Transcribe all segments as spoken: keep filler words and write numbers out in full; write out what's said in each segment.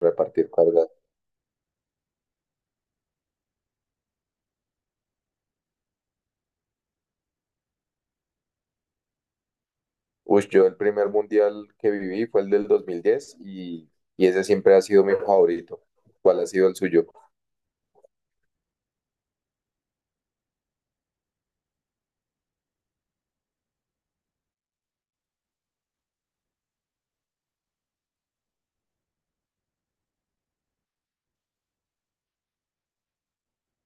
Repartir cargas. Uy, yo el primer mundial que viví fue el del dos mil diez y, y ese siempre ha sido mi favorito. ¿Cuál ha sido el suyo?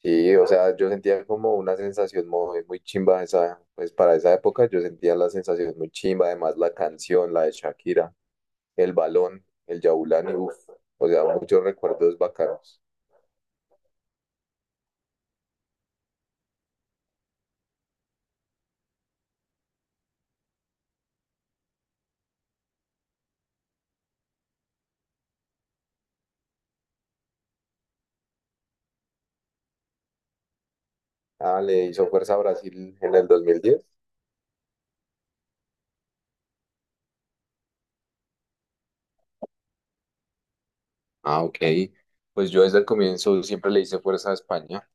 Sí, o sea, yo sentía como una sensación muy, muy chimba esa, pues para esa época yo sentía la sensación muy chimba, además la canción, la de Shakira, el balón, el Yaulani, uff, o sea, muchos recuerdos bacanos. Ah, le hizo fuerza a Brasil en el dos mil diez. Ah, ok. Pues yo desde el comienzo siempre le hice fuerza a España.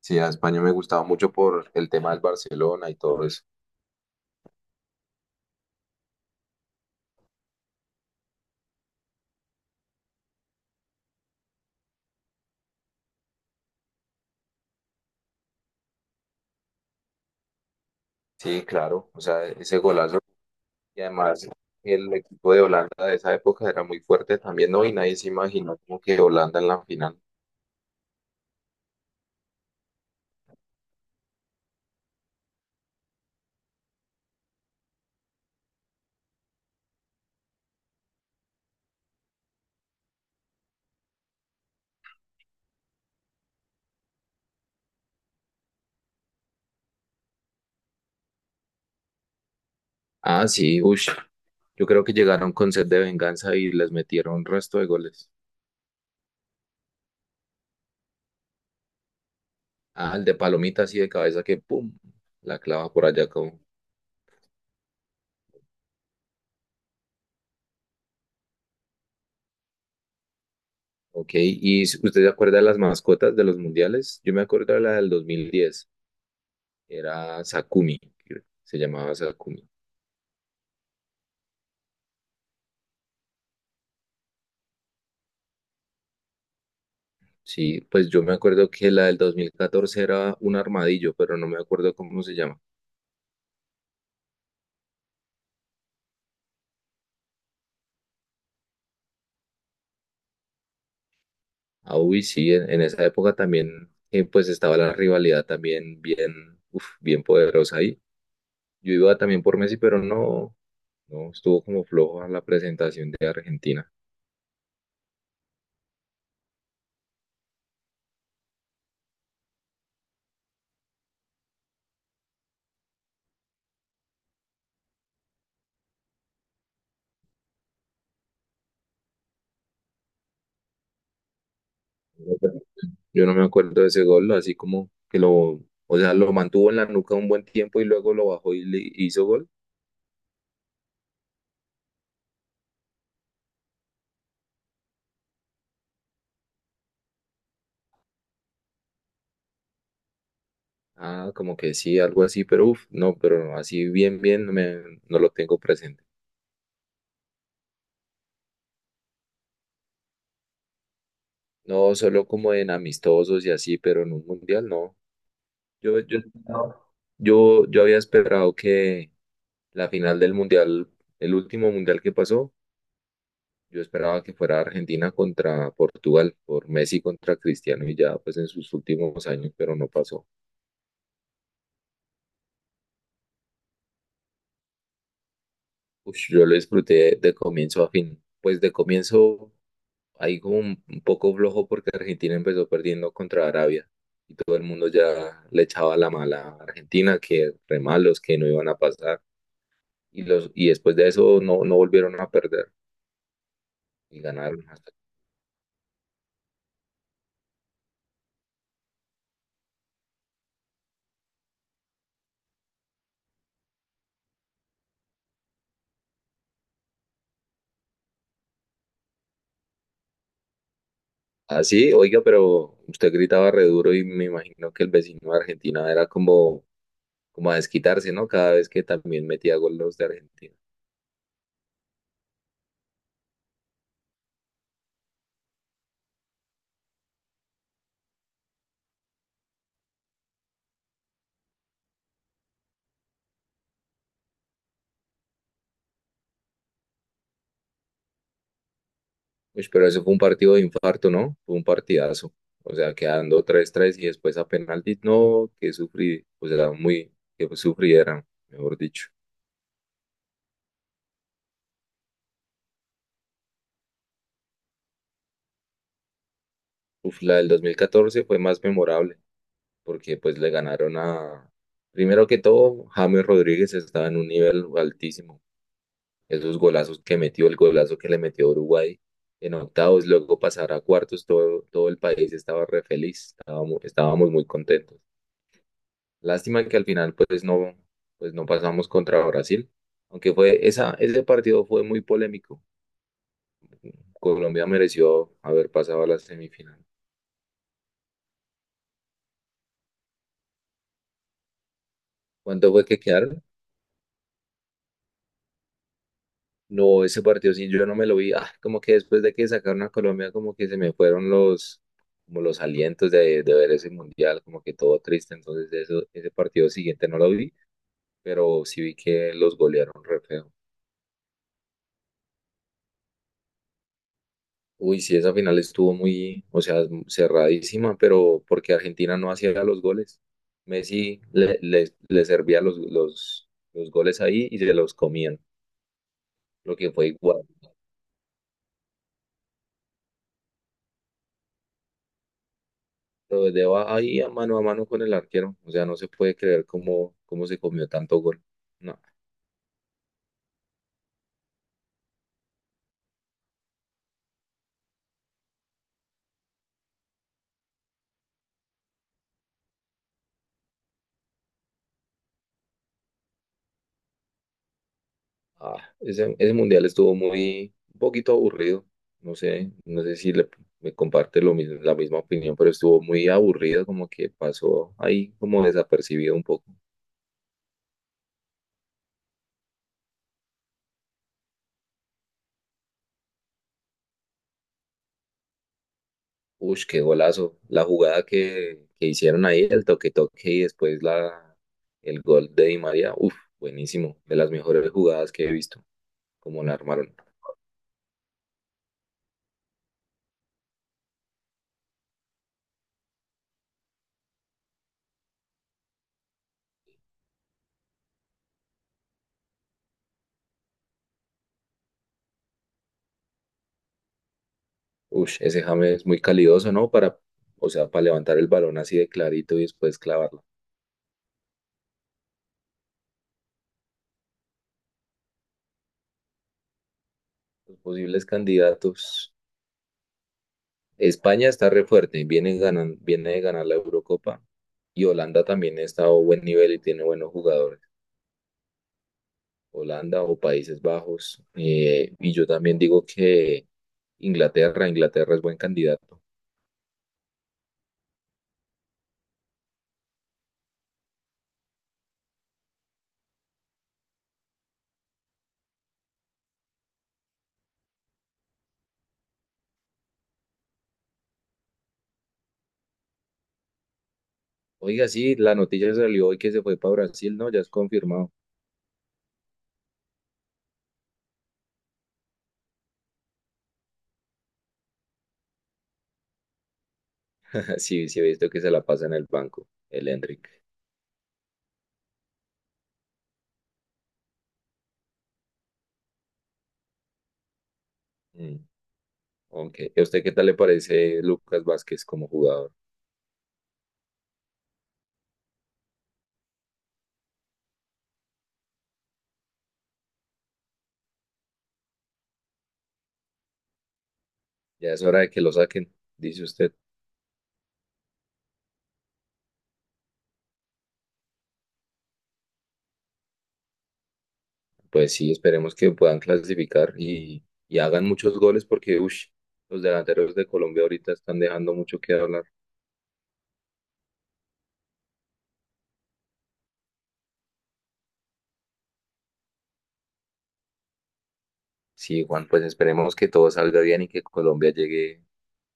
Sí, a España me gustaba mucho por el tema del Barcelona y todo eso. Sí, claro. O sea, ese golazo. Y además, el equipo de Holanda de esa época era muy fuerte también, ¿no? Y nadie se imaginó como que Holanda en la final. Ah, sí, ush. Yo creo que llegaron con sed de venganza y les metieron un resto de goles. Ah, el de Palomita así de cabeza que ¡pum! La clava por allá como... Ok, ¿y usted se acuerda de las mascotas de los mundiales? Yo me acuerdo de la del dos mil diez. Era Sakumi, creo, se llamaba Sakumi. Sí, pues yo me acuerdo que la del dos mil catorce era un armadillo, pero no me acuerdo cómo se llama. Ah, uy, sí, en, en esa época también, eh, pues estaba la rivalidad también bien, uf, bien poderosa ahí. Yo iba también por Messi, pero no, no, estuvo como flojo a la presentación de Argentina. Yo no me acuerdo de ese gol, así como que lo, o sea, lo mantuvo en la nuca un buen tiempo y luego lo bajó y le hizo gol. Ah, como que sí, algo así, pero uff, no, pero así bien, bien, no me, no lo tengo presente. No, solo como en amistosos y así, pero en un mundial no. Yo, yo, No. yo, yo había esperado que la final del mundial, el último mundial que pasó, yo esperaba que fuera Argentina contra Portugal, por Messi contra Cristiano y ya pues en sus últimos años, pero no pasó. Ush, yo lo disfruté de comienzo a fin. Pues de comienzo ahí como un, un poco flojo porque Argentina empezó perdiendo contra Arabia y todo el mundo ya le echaba la mala a Argentina, que re malos, que no iban a pasar y los y después de eso no, no volvieron a perder y ganaron. Así, oiga, pero usted gritaba re duro y me imagino que el vecino de Argentina era como, como a desquitarse, ¿no? Cada vez que también metía gol los de Argentina. Uy, pero eso fue un partido de infarto, ¿no? Fue un partidazo. O sea, quedando tres tres y después a penaltis, no, que sufrí, o sea, muy, que sufrieran, mejor dicho. Uf, la del dos mil catorce fue más memorable, porque pues le ganaron a, primero que todo, James Rodríguez estaba en un nivel altísimo. Esos golazos que metió, el golazo que le metió a Uruguay en octavos, luego pasar a cuartos, todo, todo el país estaba re feliz, estábamos, estábamos muy contentos. Lástima que al final pues no, pues no pasamos contra Brasil, aunque fue esa, ese partido fue muy polémico. Colombia mereció haber pasado a la semifinal. ¿Cuánto fue que quedaron? No, ese partido sí, yo no me lo vi. Ah, como que después de que sacaron a Colombia, como que se me fueron los, como los alientos de, de ver ese mundial, como que todo triste. Entonces eso, ese partido siguiente no lo vi, pero sí vi que los golearon re feo. Uy, sí, esa final estuvo muy, o sea, cerradísima, pero porque Argentina no hacía los goles. Messi le, le- le servía los, los, los goles ahí y se los comían, lo que fue igual. Pero desde va- ahí a mano a mano con el arquero, o sea, no se puede creer cómo, cómo se comió tanto gol. No, ah, ese, ese mundial estuvo muy, un poquito aburrido. No sé, no sé si le, me comparte lo mismo, la misma opinión, pero estuvo muy aburrido, como que pasó ahí como desapercibido un poco. Ush, qué golazo. La jugada que, que hicieron ahí, el toque-toque y después la, el gol de Di María. Uf, buenísimo. De las mejores jugadas que he visto, como la armaron. Ush, ese James es muy calidoso, ¿no? Para, o sea, para levantar el balón así de clarito y después clavarlo. Los posibles candidatos. España está re fuerte, viene, ganan, viene de ganar la Eurocopa. Y Holanda también está a buen nivel y tiene buenos jugadores. Holanda o Países Bajos. eh, y yo también digo que Inglaterra, Inglaterra es buen candidato. Oiga, sí, la noticia salió hoy que se fue para Brasil, ¿no? Ya es confirmado. Sí, sí, he visto que se la pasa en el banco, el Endrick. Mm, ok. ¿Y ¿A usted qué tal le parece Lucas Vázquez como jugador? Ya es hora de que lo saquen, dice usted. Pues sí, esperemos que puedan clasificar y, y hagan muchos goles porque, ush, los delanteros de Colombia ahorita están dejando mucho que hablar. Sí, Juan, pues esperemos que todo salga bien y que Colombia llegue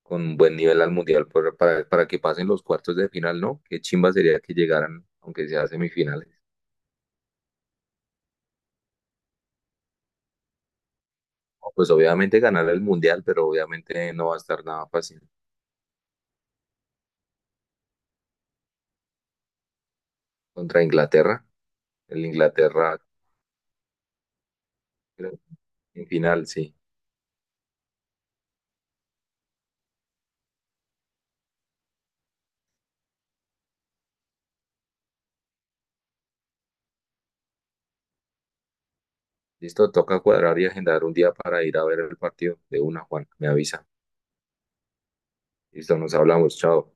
con un buen nivel al mundial por- para, para que pasen los cuartos de final, ¿no? Qué chimba sería que llegaran, aunque sea a semifinales. No, pues obviamente ganar el mundial, pero obviamente no va a estar nada fácil. Contra Inglaterra, el Inglaterra creo, en final, sí. Listo, toca cuadrar y agendar un día para ir a ver el partido de una, Juan. Me avisa. Listo, nos hablamos. Chao.